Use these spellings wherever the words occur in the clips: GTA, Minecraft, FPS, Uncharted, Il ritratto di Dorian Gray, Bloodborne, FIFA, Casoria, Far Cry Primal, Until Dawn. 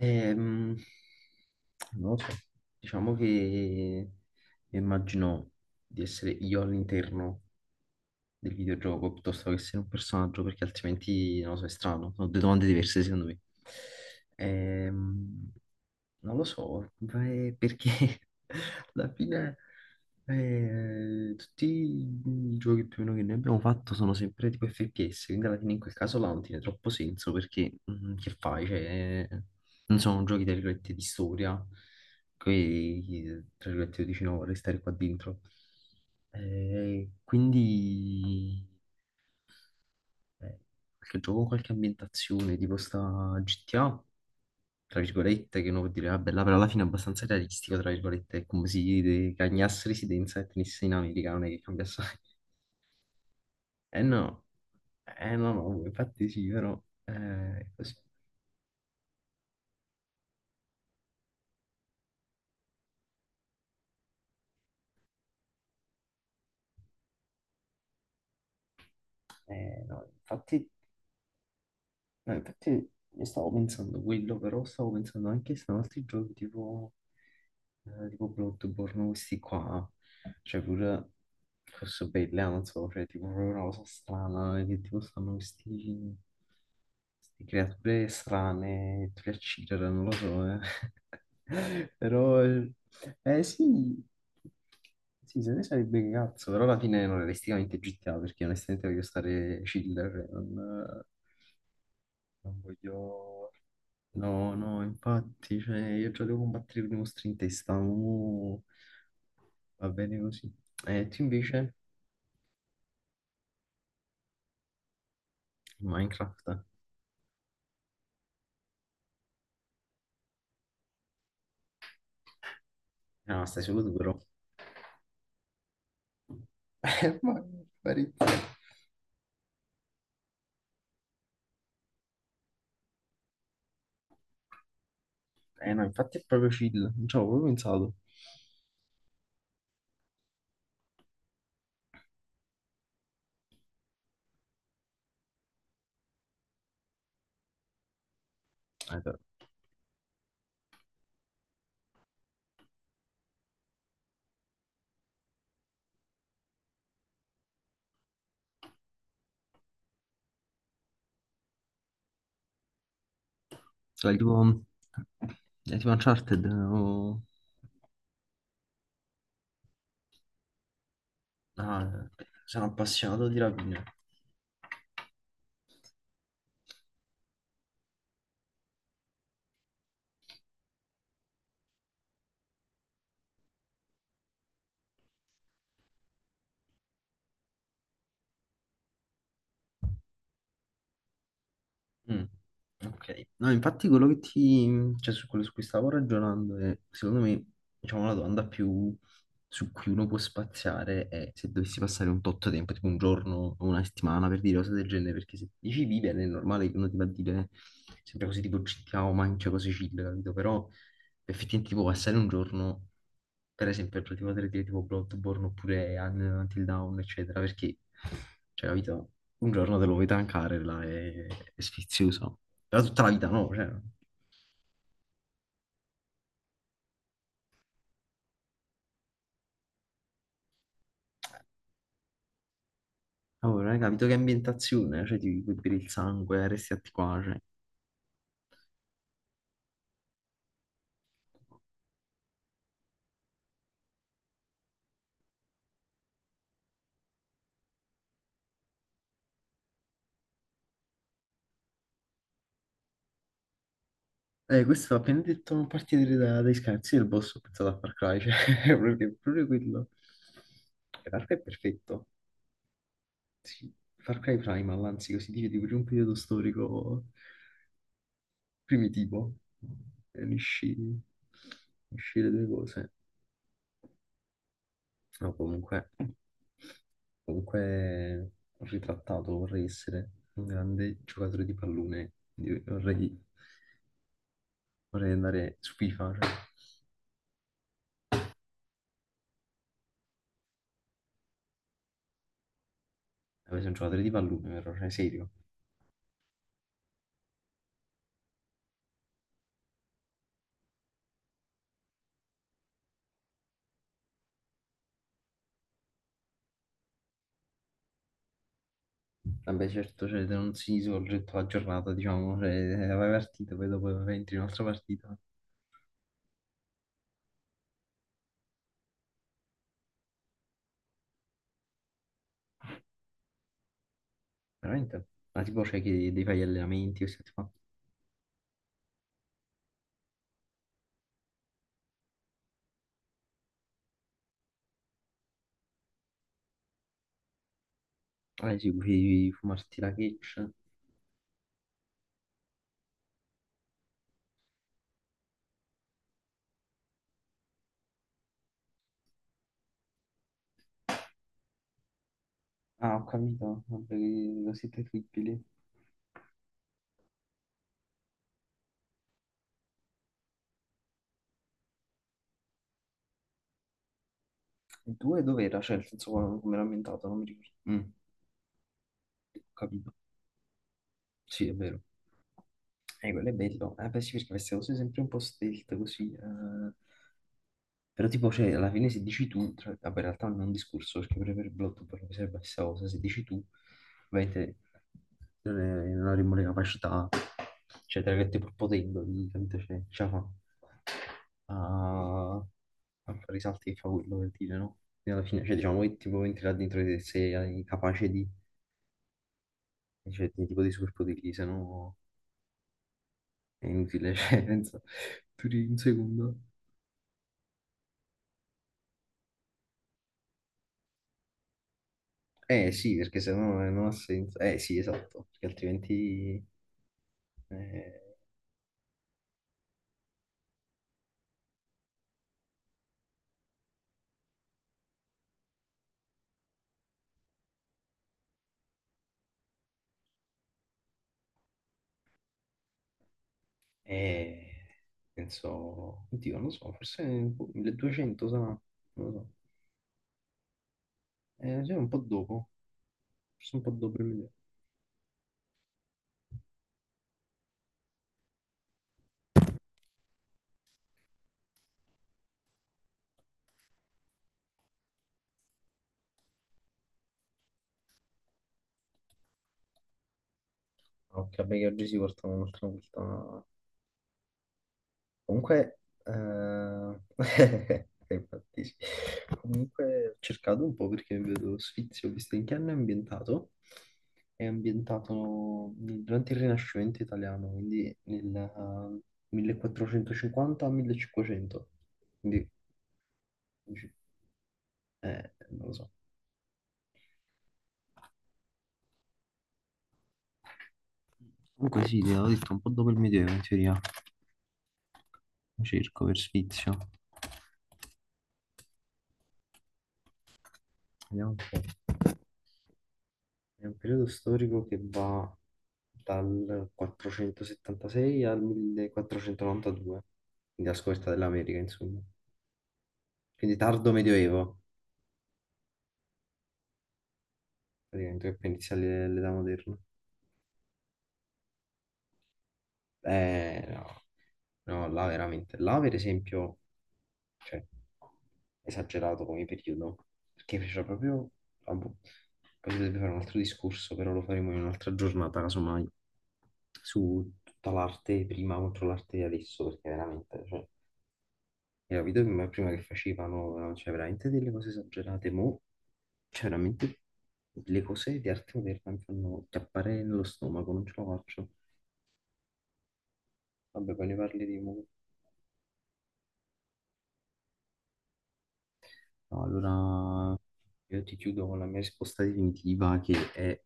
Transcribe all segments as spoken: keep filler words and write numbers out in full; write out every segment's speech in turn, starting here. Ehm, Non lo so, diciamo che immagino di essere io all'interno del videogioco piuttosto che essere un personaggio, perché altrimenti non lo so, è strano. Sono due domande diverse secondo me. Ehm, Non lo so, ma è perché alla fine, eh, tutti i giochi più o meno che noi abbiamo fatto sono sempre tipo F P S, quindi alla fine in quel caso là non tiene troppo senso perché mm, che fai? Cioè, non sono giochi tra virgolette di storia, che tra virgolette io dici no, vorrei stare qua dentro. Eh, quindi eh, qualche gioco con qualche ambientazione tipo sta G T A tra virgolette, che uno può dire, vabbè, là però alla fine è abbastanza realistico, tra virgolette, è come se gli cagnasse residenza e tenesse in America, non è che cambiasse. Eh no, eh no, no, infatti sì, però eh, è così. Eh, no, infatti. No, infatti io stavo pensando quello, però stavo pensando anche se altri giochi tipo, eh, tipo Bloodborne, questi qua, cioè pure forse belle, ah, non so, cioè tipo proprio una cosa strana, che tipo stanno questi, questi creature strane, tu le uccidi, non lo so, eh. Però, eh eh, sì, sì, se ne sarebbe che cazzo, però alla fine non realisticamente G T A, perché onestamente voglio stare chill, cioè, non... Non voglio... No, no, infatti, cioè, io già devo combattere con i mostri in testa, mo va bene così. E tu invece, Minecraft? No, stai solo tu però. Ma parecchio. Eh no, infatti è proprio chill, non ci avevo proprio pensato. Eh, però. Sai, tipo, è tipo Uncharted, o... Ah, sono appassionato di rapine. Mm, ok, no, infatti quello che ti, cioè su quello su cui stavo ragionando è, secondo me, diciamo, la domanda più su cui uno può spaziare è se dovessi passare un tot tempo, tipo un giorno o una settimana per dire cose del genere, perché se dici vivere è normale che uno ti va a dire sempre così tipo città o mangia cose chill, capito? Però effettivamente tipo passare un giorno per esempio, per ultimo tre D tipo Bloodborne oppure Un- Until Dawn, eccetera, perché, cioè, capito, un giorno te lo vuoi tankare, là, è, è sfizioso. Però tutta la vita no, cioè, allora, hai capito che ambientazione, cioè, ti puoi bere il sangue, resti atti qua, cioè. Eh, questo ha appena detto non partire da- dai scherzi del boss, ho pensato a Far Cry, cioè, è proprio, è proprio quello. E Far Cry è perfetto, sì. Far Cry Primal, anzi, così dice, di un periodo storico primitivo. E unisci, unisci le due cose. No, comunque, comunque ritrattato vorrei essere un grande giocatore di pallone. Quindi Vorrei, vorrei andare su FIFA, cioè, vorrei essere un giocatore di pallone, però, cioè, serio. Vabbè, certo, cioè, non si svolge tutta la giornata, diciamo, cioè, vai partita, poi dopo entri in un'altra partita. Veramente? Ma tipo, c'è che devi fare gli allenamenti, queste cose qua. Ah, sì, puoi fumarti la catch. Ah, ho capito, vabbè, lo siete terribili. Il due dov'era? Cioè, nel senso qual- come era ambientato, non mi ricordo. Mm, ho capito, sì, è vero. Eh, quello è bello. Eh, beh, sì, perché queste cose sempre un po' stealth così. Eh. Però tipo, cioè, alla fine se dici tu, cioè, vabbè, in realtà non è un discorso, perché pure per il blog poi mi serve la stessa cosa, se dici tu, ovviamente non, è- non avremo le capacità, cioè, tra virgolette, pur potendo, di, capito, cioè, ce la fa. Ah, tanto risalti che fa quello per dire, no? Quindi alla fine, cioè, diciamo, che tipo venti là dentro di te sei capace di, cioè, di tipo di superpoteri, se no è inutile, cioè, penso, duri un secondo. Eh sì, perché se no eh, non ha senso. Eh sì, esatto, perché altrimenti, eh, eh, penso, oddio, non lo so, forse boh, milleduecento sarà, non lo so. Eh, cioè, un po' dopo, forse un po' dopo il mille. Ok, vabbè, che oggi si portano un'altra volta. Comunque, eh, infatti sì. Comunque ho cercato un po' perché vedo Sfizio, ho visto in che anno è ambientato. È ambientato nel- durante il Rinascimento italiano, quindi nel eh, millequattrocentocinquanta-millecinquecento. Quindi, dici, eh, non lo so. Comunque sì, ti avevo detto un po' dopo il Medioevo in teoria. Cerco per Sfizio. Vediamo un po'. È un periodo storico che va dal quattrocentosettantasei al millequattrocentonovantadue, quindi la scoperta dell'America, insomma. Quindi tardo medioevo, praticamente, che poi inizia l'e- l'età moderna. Eh, no, no, là veramente. Là, per esempio, cioè, esagerato come periodo, perché fecero proprio... ah, boh, poi si dovrebbe fare un altro discorso, però lo faremo in un'altra giornata, casomai, su tutta l'arte prima contro l'arte di adesso, perché veramente, cioè, era video che ma- prima che facevano, no, cioè veramente delle cose esagerate, mo, cioè veramente le cose di arte moderna mi fanno chiappare nello stomaco, non ce la faccio. Vabbè, poi ne parleremo. No, allora io ti chiudo con la mia risposta definitiva che è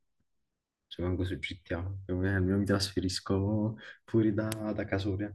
rimango su G T A, almeno mi trasferisco fuori da, da Casoria.